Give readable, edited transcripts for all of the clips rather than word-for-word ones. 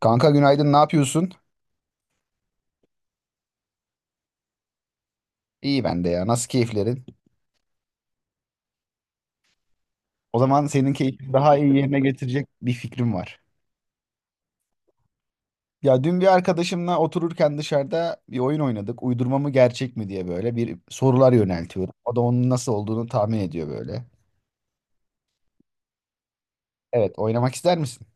Kanka günaydın, ne yapıyorsun? İyi ben de ya. Nasıl keyiflerin? O zaman senin keyfini daha iyi yerine getirecek bir fikrim var. Ya dün bir arkadaşımla otururken dışarıda bir oyun oynadık. Uydurma mı gerçek mi diye böyle bir sorular yöneltiyorum. O da onun nasıl olduğunu tahmin ediyor böyle. Evet, oynamak ister misin?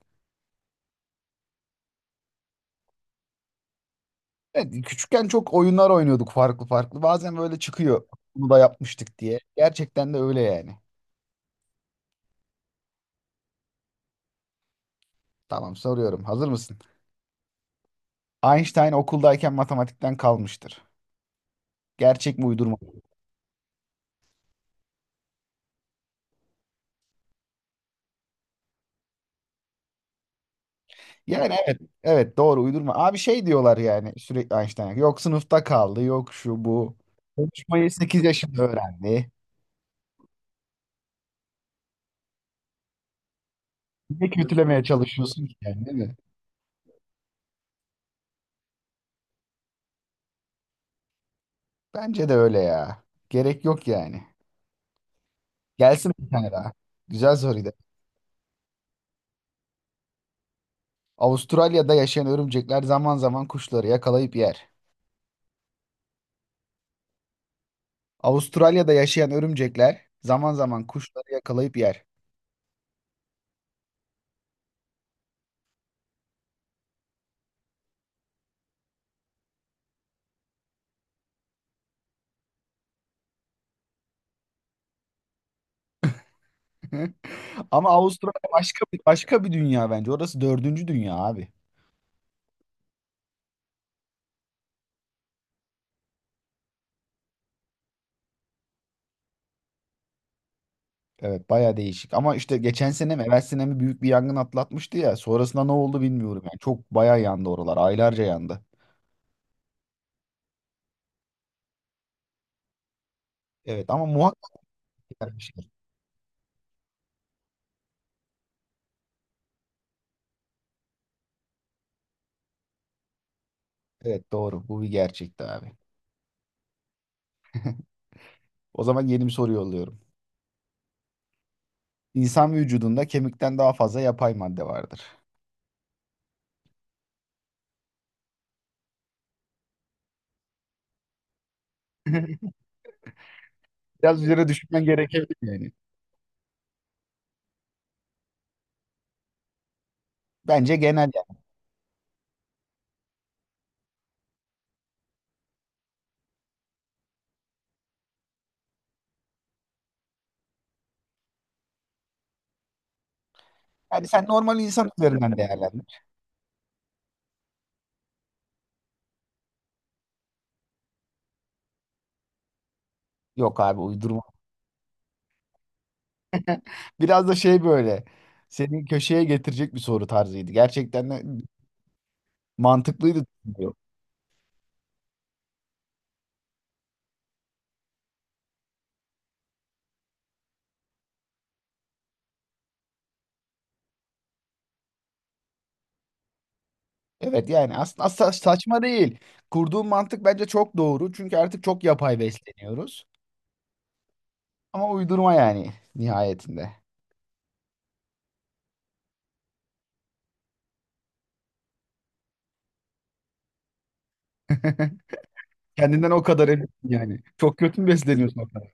Evet, küçükken çok oyunlar oynuyorduk farklı farklı. Bazen böyle çıkıyor. Bunu da yapmıştık diye. Gerçekten de öyle yani. Tamam soruyorum. Hazır mısın? Einstein okuldayken matematikten kalmıştır. Gerçek mi uydurma mı? Yani evet, evet doğru uydurma. Abi şey diyorlar yani sürekli Einstein. Yok sınıfta kaldı, yok şu bu. Konuşmayı 8 yaşında öğrendi. Niye kötülemeye çalışıyorsun ki yani değil mi? Bence de öyle ya. Gerek yok yani. Gelsin bir tane daha. Güzel soruydu. Avustralya'da yaşayan örümcekler zaman zaman kuşları yakalayıp yer. Avustralya'da yaşayan örümcekler zaman zaman kuşları yakalayıp yer. Ama Avustralya başka bir dünya bence. Orası dördüncü dünya abi. Evet baya değişik ama işte geçen sene mi evvel sene mi büyük bir yangın atlatmıştı ya sonrasında ne oldu bilmiyorum yani çok baya yandı oralar aylarca yandı. Evet ama muhakkak yanmıştır. Evet doğru bu bir gerçekti abi. O zaman yeni bir soru yolluyorum. İnsan vücudunda kemikten daha fazla yapay madde vardır. Biraz üzerine düşünmen gerekebilir yani. Bence genel yani. Yani sen normal insan üzerinden değerlendir. Yok abi uydurma. Biraz da şey böyle seni köşeye getirecek bir soru tarzıydı. Gerçekten de mantıklıydı. Evet yani aslında saçma değil. Kurduğun mantık bence çok doğru. Çünkü artık çok yapay besleniyoruz. Ama uydurma yani nihayetinde. Kendinden o kadar eminsin yani. Çok kötü mü besleniyorsun o kadar?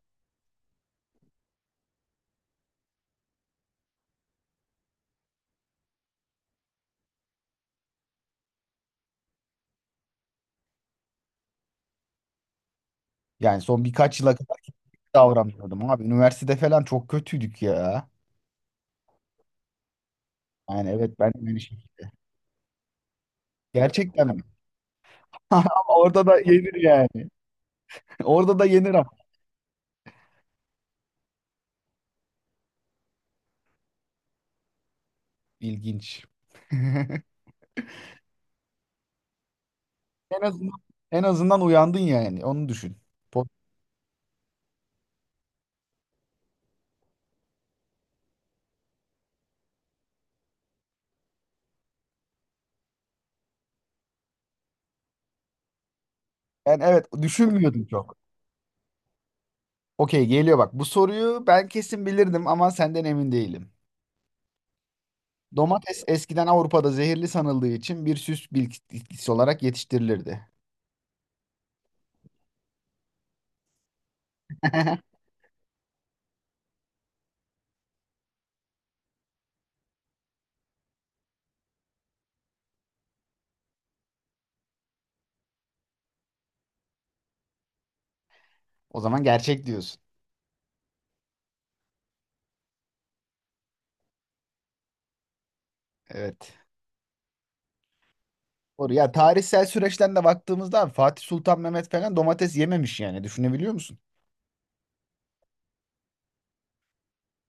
Yani son birkaç yıla kadar davranıyordum abi. Üniversitede falan çok kötüydük ya. Yani evet ben de aynı şey. Gerçekten mi? Ama orada da yenir yani. Orada da yenir ama. İlginç. En azından en azından uyandın yani. Onu düşün. Po- Yani evet düşünmüyordum çok. Okey geliyor bak. Bu soruyu ben kesin bilirdim ama senden emin değilim. Domates eskiden Avrupa'da zehirli sanıldığı için bir süs bitkisi olarak yetiştirilirdi. O zaman gerçek diyorsun. Evet. Doğru. Ya tarihsel süreçten de baktığımızda abi, Fatih Sultan Mehmet falan domates yememiş yani. Düşünebiliyor musun?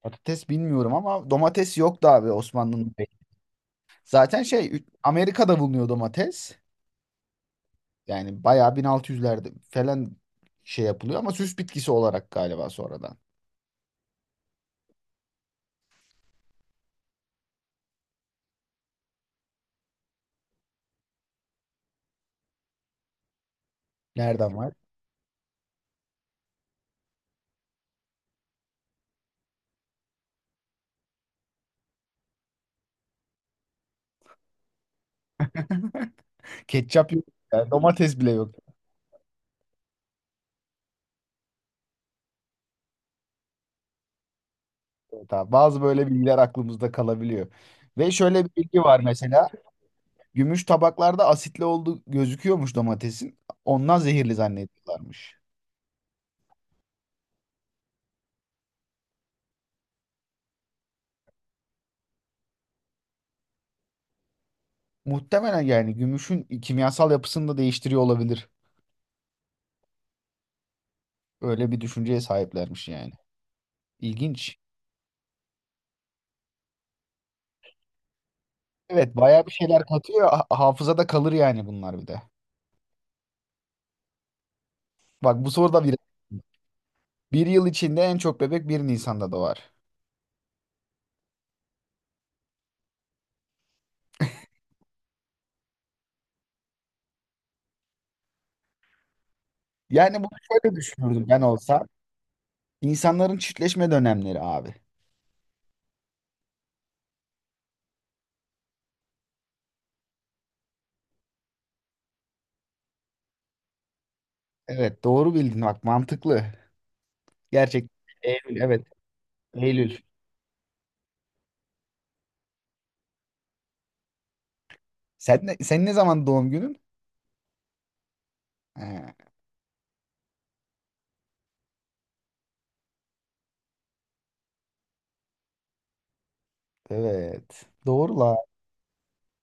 Patates bilmiyorum ama domates yoktu abi Osmanlı'nın pek. Zaten şey Amerika'da bulunuyor domates. Yani bayağı 1600'lerde falan şey yapılıyor ama süs bitkisi olarak galiba sonradan. Nereden var? Ketçap yok. Yani domates bile yok. Evet abi. Bazı böyle bilgiler aklımızda kalabiliyor. Ve şöyle bir bilgi var mesela. Gümüş tabaklarda asitli olduğu gözüküyormuş domatesin. Ondan zehirli zannediyorlarmış. Muhtemelen yani gümüşün kimyasal yapısını da değiştiriyor olabilir. Öyle bir düşünceye sahiplermiş yani. İlginç. Evet bayağı bir şeyler katıyor. Hafızada kalır yani bunlar bir de. Bak bu soruda bir yıl içinde en çok bebek 1 Nisan'da doğar. Yani bunu şöyle düşünürdüm ben olsa. İnsanların çiftleşme dönemleri abi. Evet doğru bildin bak mantıklı. Gerçekten Eylül, evet, Eylül. Sen ne, senin ne zaman doğum günün? He, evet. Doğru la.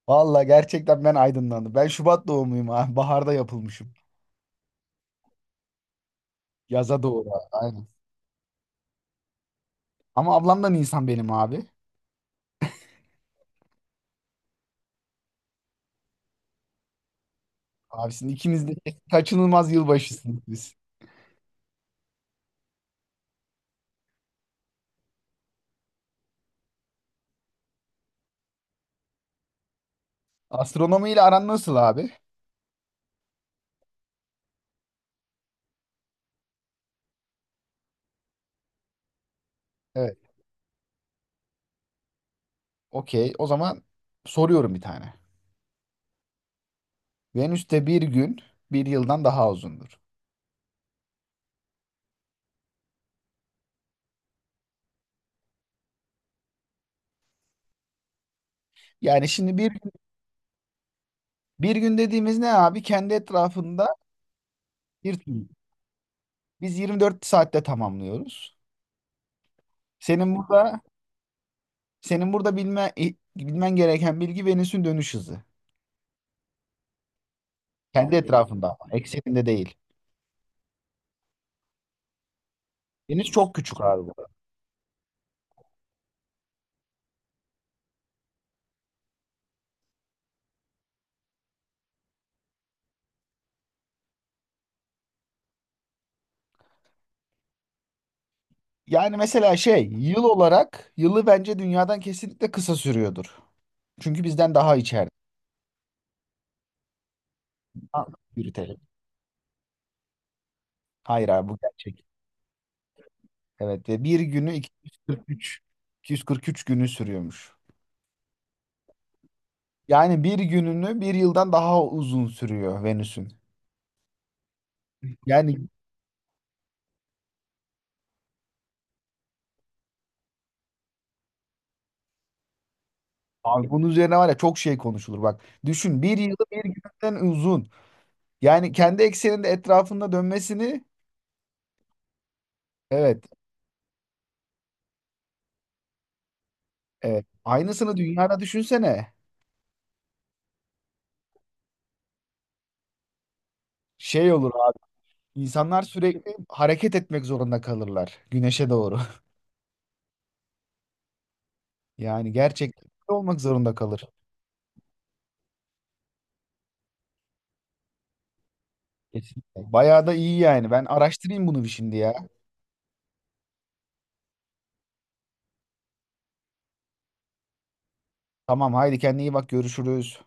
Valla gerçekten ben aydınlandım. Ben Şubat doğumluyum abi. Baharda yapılmışım. Yaza doğru. Aynen. Ama ablamdan insan benim abi. Abisin ikimiz de kaçınılmaz yılbaşısınız biz. Astronomi ile aran nasıl abi? Evet. Okey. O zaman soruyorum bir tane. Venüs'te bir gün bir yıldan daha uzundur. Yani şimdi bir gün dediğimiz ne abi? Kendi etrafında bir tur. Biz 24 saatte tamamlıyoruz. Senin burada senin burada bilmen gereken bilgi Venüs'ün dönüş hızı. Kendi etrafında ama, ekseninde değil. Venüs çok küçük abi, bu arada. Yani mesela şey, yıl olarak yılı bence dünyadan kesinlikle kısa sürüyordur. Çünkü bizden daha içeride. Ha, yürütelim. Hayır abi bu gerçek. Evet ve bir günü 243 günü sürüyormuş. Yani bir gününü bir yıldan daha uzun sürüyor Venüs'ün. Yani abi bunun üzerine var ya çok şey konuşulur bak. Düşün bir yılı bir günden uzun. Yani kendi ekseninde etrafında dönmesini, evet, evet. Aynısını dünyada düşünsene. Şey olur abi. İnsanlar sürekli hareket etmek zorunda kalırlar güneşe doğru. Yani gerçekten olmak zorunda kalır. Kesinlikle. Bayağı da iyi yani. Ben araştırayım bunu bir şimdi ya. Tamam haydi kendine iyi bak görüşürüz.